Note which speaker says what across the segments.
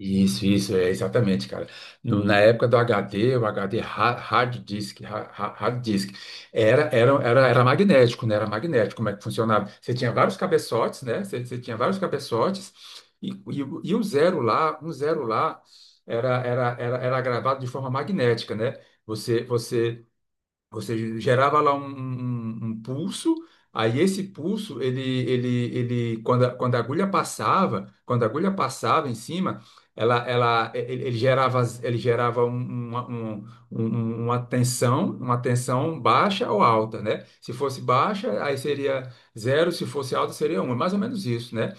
Speaker 1: Isso, é exatamente, cara. Na época do HD, o HD hard disk, hard disk, era magnético, né? Era magnético, como é que funcionava? Você tinha vários cabeçotes, né? Você tinha vários cabeçotes, o e o zero lá, um zero lá, era gravado de forma magnética, né? Você, você você gerava lá um pulso, aí esse pulso, quando a agulha passava em cima, ela, ele, ele gerava um- uma, um- um- um, uma tensão baixa ou alta, né? Se fosse baixa, aí seria zero, se fosse alta, seria um. É mais ou menos isso, né?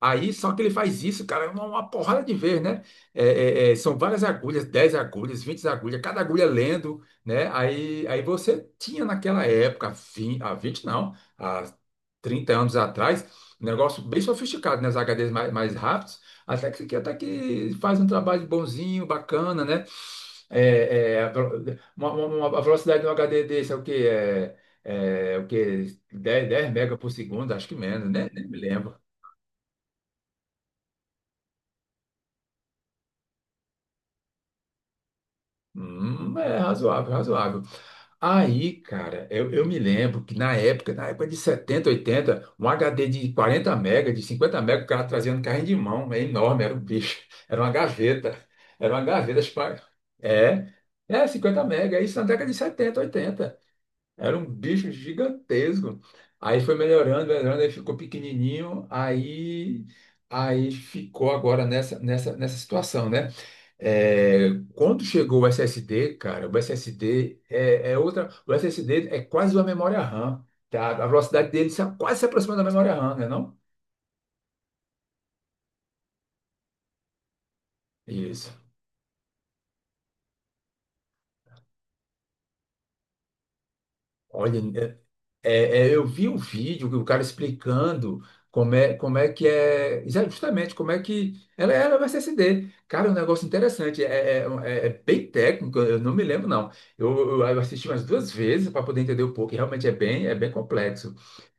Speaker 1: Aí, só que ele faz isso, cara, uma porrada de vez, né? É, são várias agulhas, 10 agulhas, 20 agulhas, cada agulha lendo, né? Aí, aí você tinha naquela época, há 20 não, há 30 anos atrás, um negócio bem sofisticado, né? Os HDs mais rápidos, até que faz um trabalho bonzinho, bacana, né? A velo- uma- a velocidade de um HD desse é o quê? É o quê? dez mega por segundo, acho que menos, né? Nem me lembro. É razoável, razoável. Aí, cara, eu me lembro que na época de 70, 80, um HD de 40 mega, de 50 mega, o cara trazia no carrinho de mão, é enorme, era um bicho, era uma gaveta, era uma gaveta. É, é 50 mega, isso na década de 70, 80. Era um bicho gigantesco. Aí foi melhorando, melhorando, aí ficou pequenininho, aí ficou agora nessa situação, né? É, quando chegou o SSD, cara, o SSD é outra. O SSD é quase uma memória RAM, tá? A velocidade dele se, quase se aproxima da memória RAM, né, não? Isso. Olha, eu vi um vídeo que o cara explicando como é que é, justamente como é que ela era o SSD. Cara, é um negócio interessante, é bem técnico, eu não me lembro, não. Eu, eu assisti umas duas vezes para poder entender um pouco, e realmente é bem complexo.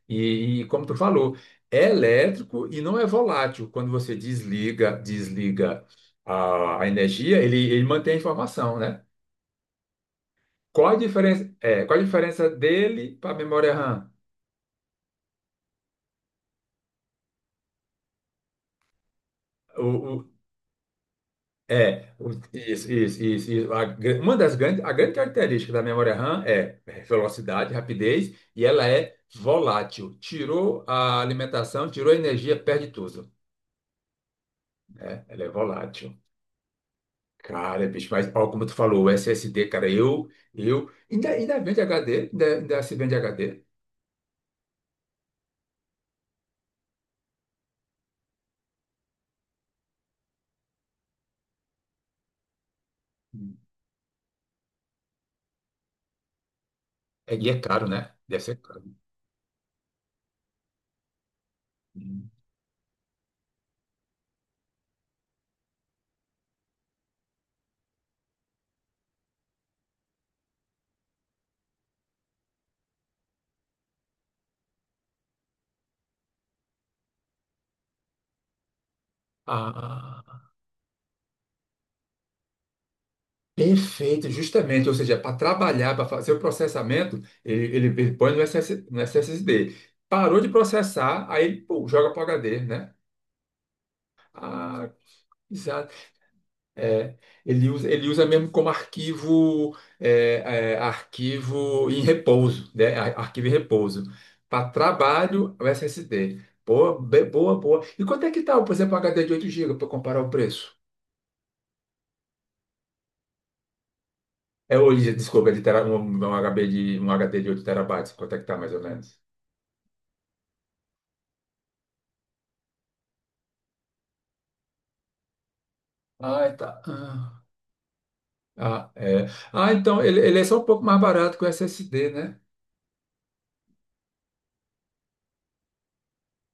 Speaker 1: E como tu falou, é elétrico e não é volátil. Quando você desliga, desliga a energia, ele mantém a informação, né? Qual a diferença dele para a memória RAM? O, o- isso, isso, isso, isso. A gran- uma das grandes, a grande característica da memória RAM é velocidade, rapidez e ela é volátil. Tirou a alimentação, tirou a energia, perde tudo, né? Ela é volátil. Cara, bicho, mas ó, como tu falou, o SSD, cara, ainda vende HD, ainda se vende HD. É, e é caro, né? Deve ser caro. Hum. Ah, perfeito, justamente, ou seja, para trabalhar, para fazer o processamento, ele põe no SSD. Parou de processar, aí, pô, joga para o HD, né? Ah, é, ele usa mesmo como arquivo, arquivo em repouso, né? Arquivo em repouso. Para trabalho, o SSD. Boa, boa, boa. E quanto é que tá, por exemplo, um HD de 8 GB para comparar o preço? É hoje, desculpa, de tera, um HD de 8 terabytes, quanto é que tá mais ou menos? Ah, tá. Ah, ah, é. Ah, então ele é só um pouco mais barato que o SSD, né?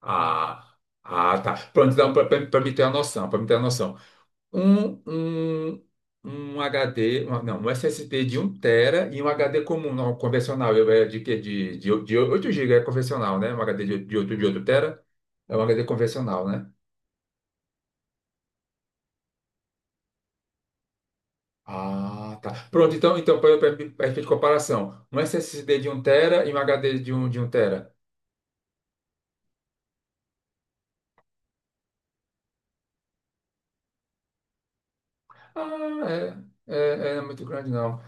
Speaker 1: Ah, ah, tá. Pronto, então, para me ter uma noção, para me ter uma noção. um, um, um HD, uma- não, um SSD de um tera e um HD comum, não, convencional, eu- é de, que de 8 GB, é convencional, né? Um HD de 8, de 8 tera é um HD convencional, né? Ah, tá. Pronto, então, para efeito de comparação, um SSD de um tera e um HD de um tera. Ah, é muito grande, não.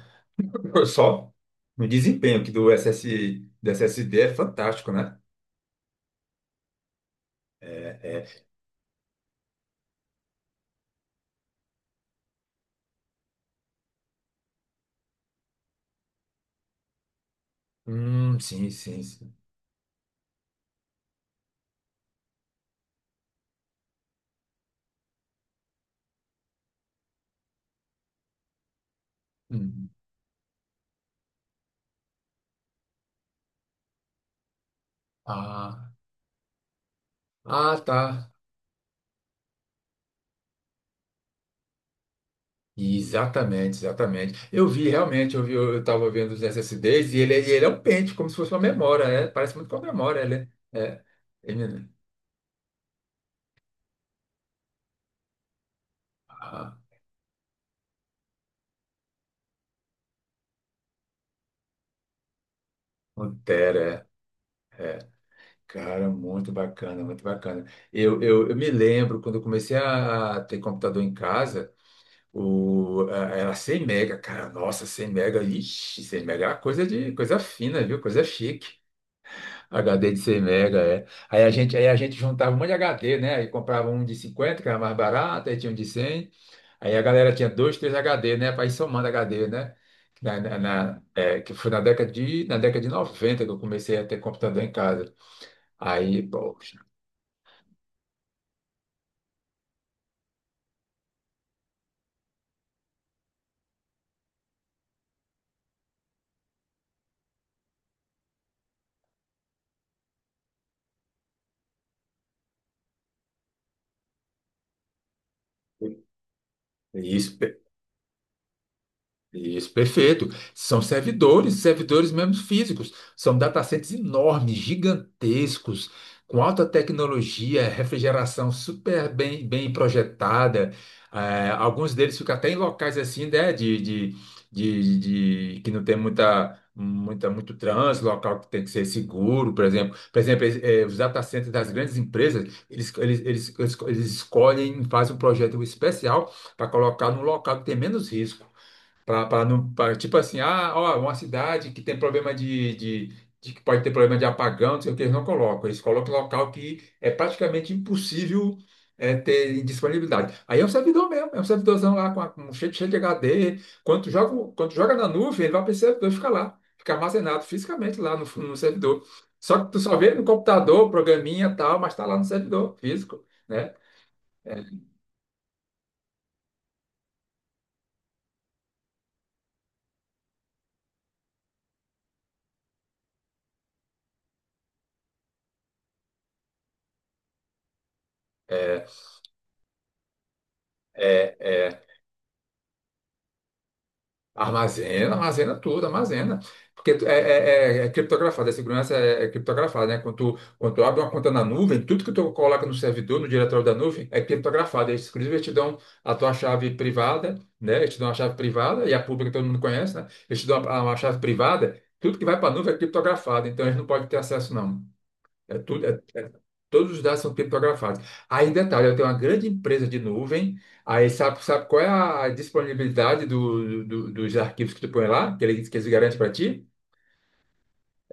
Speaker 1: Só o desempenho aqui do SSD é fantástico, né? É, é. Sim, sim, sim. Hum. Ah, ah, tá. Exatamente, exatamente. Eu vi realmente, eu vi, eu estava vendo os SSDs e ele, ele é um pente, como se fosse uma memória, é, parece muito com a memória, ele é, é, ele, ah, Pantera, é, é. Cara, muito bacana, muito bacana. Eu me lembro quando eu comecei a ter computador em casa, era 100 mega, cara, nossa, 100 mega, ixi, 100 mega era coisa de coisa fina, viu? Coisa chique. HD de 100 mega, é. Aí a gente juntava um monte de HD, né? Aí comprava um de 50, que era mais barato, aí tinha um de 100. Aí a galera tinha dois, três HD, né? Para ir somando HD, né? Que foi na década de 90 que eu comecei a ter computador em casa. Aí, poxa, isso. Isso, perfeito. São servidores, servidores mesmo físicos. São datacenters enormes, gigantescos, com alta tecnologia, refrigeração super bem, bem projetada. Alguns deles ficam até em locais assim, né, de, que não tem muito trânsito, local que tem que ser seguro, por exemplo. Por exemplo, os datacenters das grandes empresas, eles escolhem, fazem um projeto especial para colocar num local que tem menos risco. Para não, pra, tipo assim, ah, ó, uma cidade que tem problema de que pode ter problema de apagão, não sei o que, eles não colocam. Eles colocam local que é praticamente impossível ter disponibilidade. Aí é um servidor mesmo, é um servidorzão lá com cheio, cheio de HD. Quando tu joga, quando tu joga na nuvem, ele vai para esse servidor ficar lá, fica armazenado fisicamente lá no servidor. Só que tu só vê no computador, programinha e tal, mas está lá no servidor físico, né? É, é, é. É, armazena, armazena tudo, armazena. Porque é criptografado, a segurança é criptografada, né? Quando tu abre uma conta na nuvem, tudo que tu coloca no servidor, no diretório da nuvem, é criptografado. Eles, inclusive, eles te dão a tua chave privada, né? Eles te dão a chave privada, e a pública todo mundo conhece, né? Eles te dão uma chave privada, tudo que vai para a nuvem é criptografado, então eles não podem ter acesso, não. É tudo, todos os dados são criptografados. Aí, detalhe, eu tenho uma grande empresa de nuvem, aí sabe, sabe qual é a disponibilidade dos arquivos que tu põe lá, que eles garantem para ti?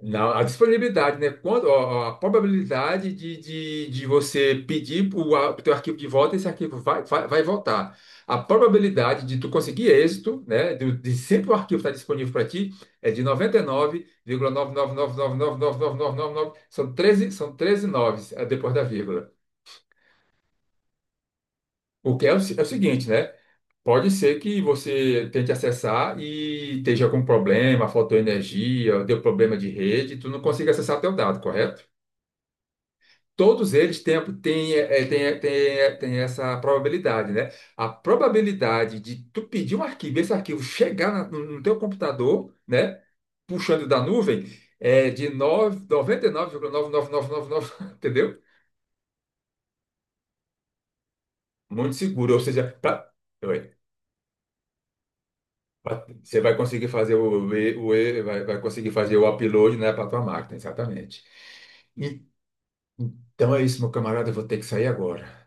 Speaker 1: Não, a disponibilidade, né? Quando, ó, ó, a probabilidade de você pedir o teu arquivo de volta, esse arquivo vai voltar. A probabilidade de tu conseguir êxito, né? De sempre o arquivo estar disponível para ti, é de 99,999999999. São treze noves depois da vírgula. O que é o, se- é o seguinte, né? Pode ser que você tente acessar e esteja com problema, faltou energia, deu problema de rede, tu não consiga acessar teu dado, correto? Todos eles têm, têm, é, têm, têm, têm essa probabilidade, né? A probabilidade de tu pedir um arquivo, e esse arquivo chegar no teu computador, né? Puxando da nuvem, é de noventa e nove, vírgula nove, nove, noventa e nove, nove, entendeu? Muito seguro. Ou seja, Oi. Você vai conseguir fazer vai conseguir fazer o upload, né, para tua máquina, exatamente. E- então é isso, meu camarada. Eu vou ter que sair agora.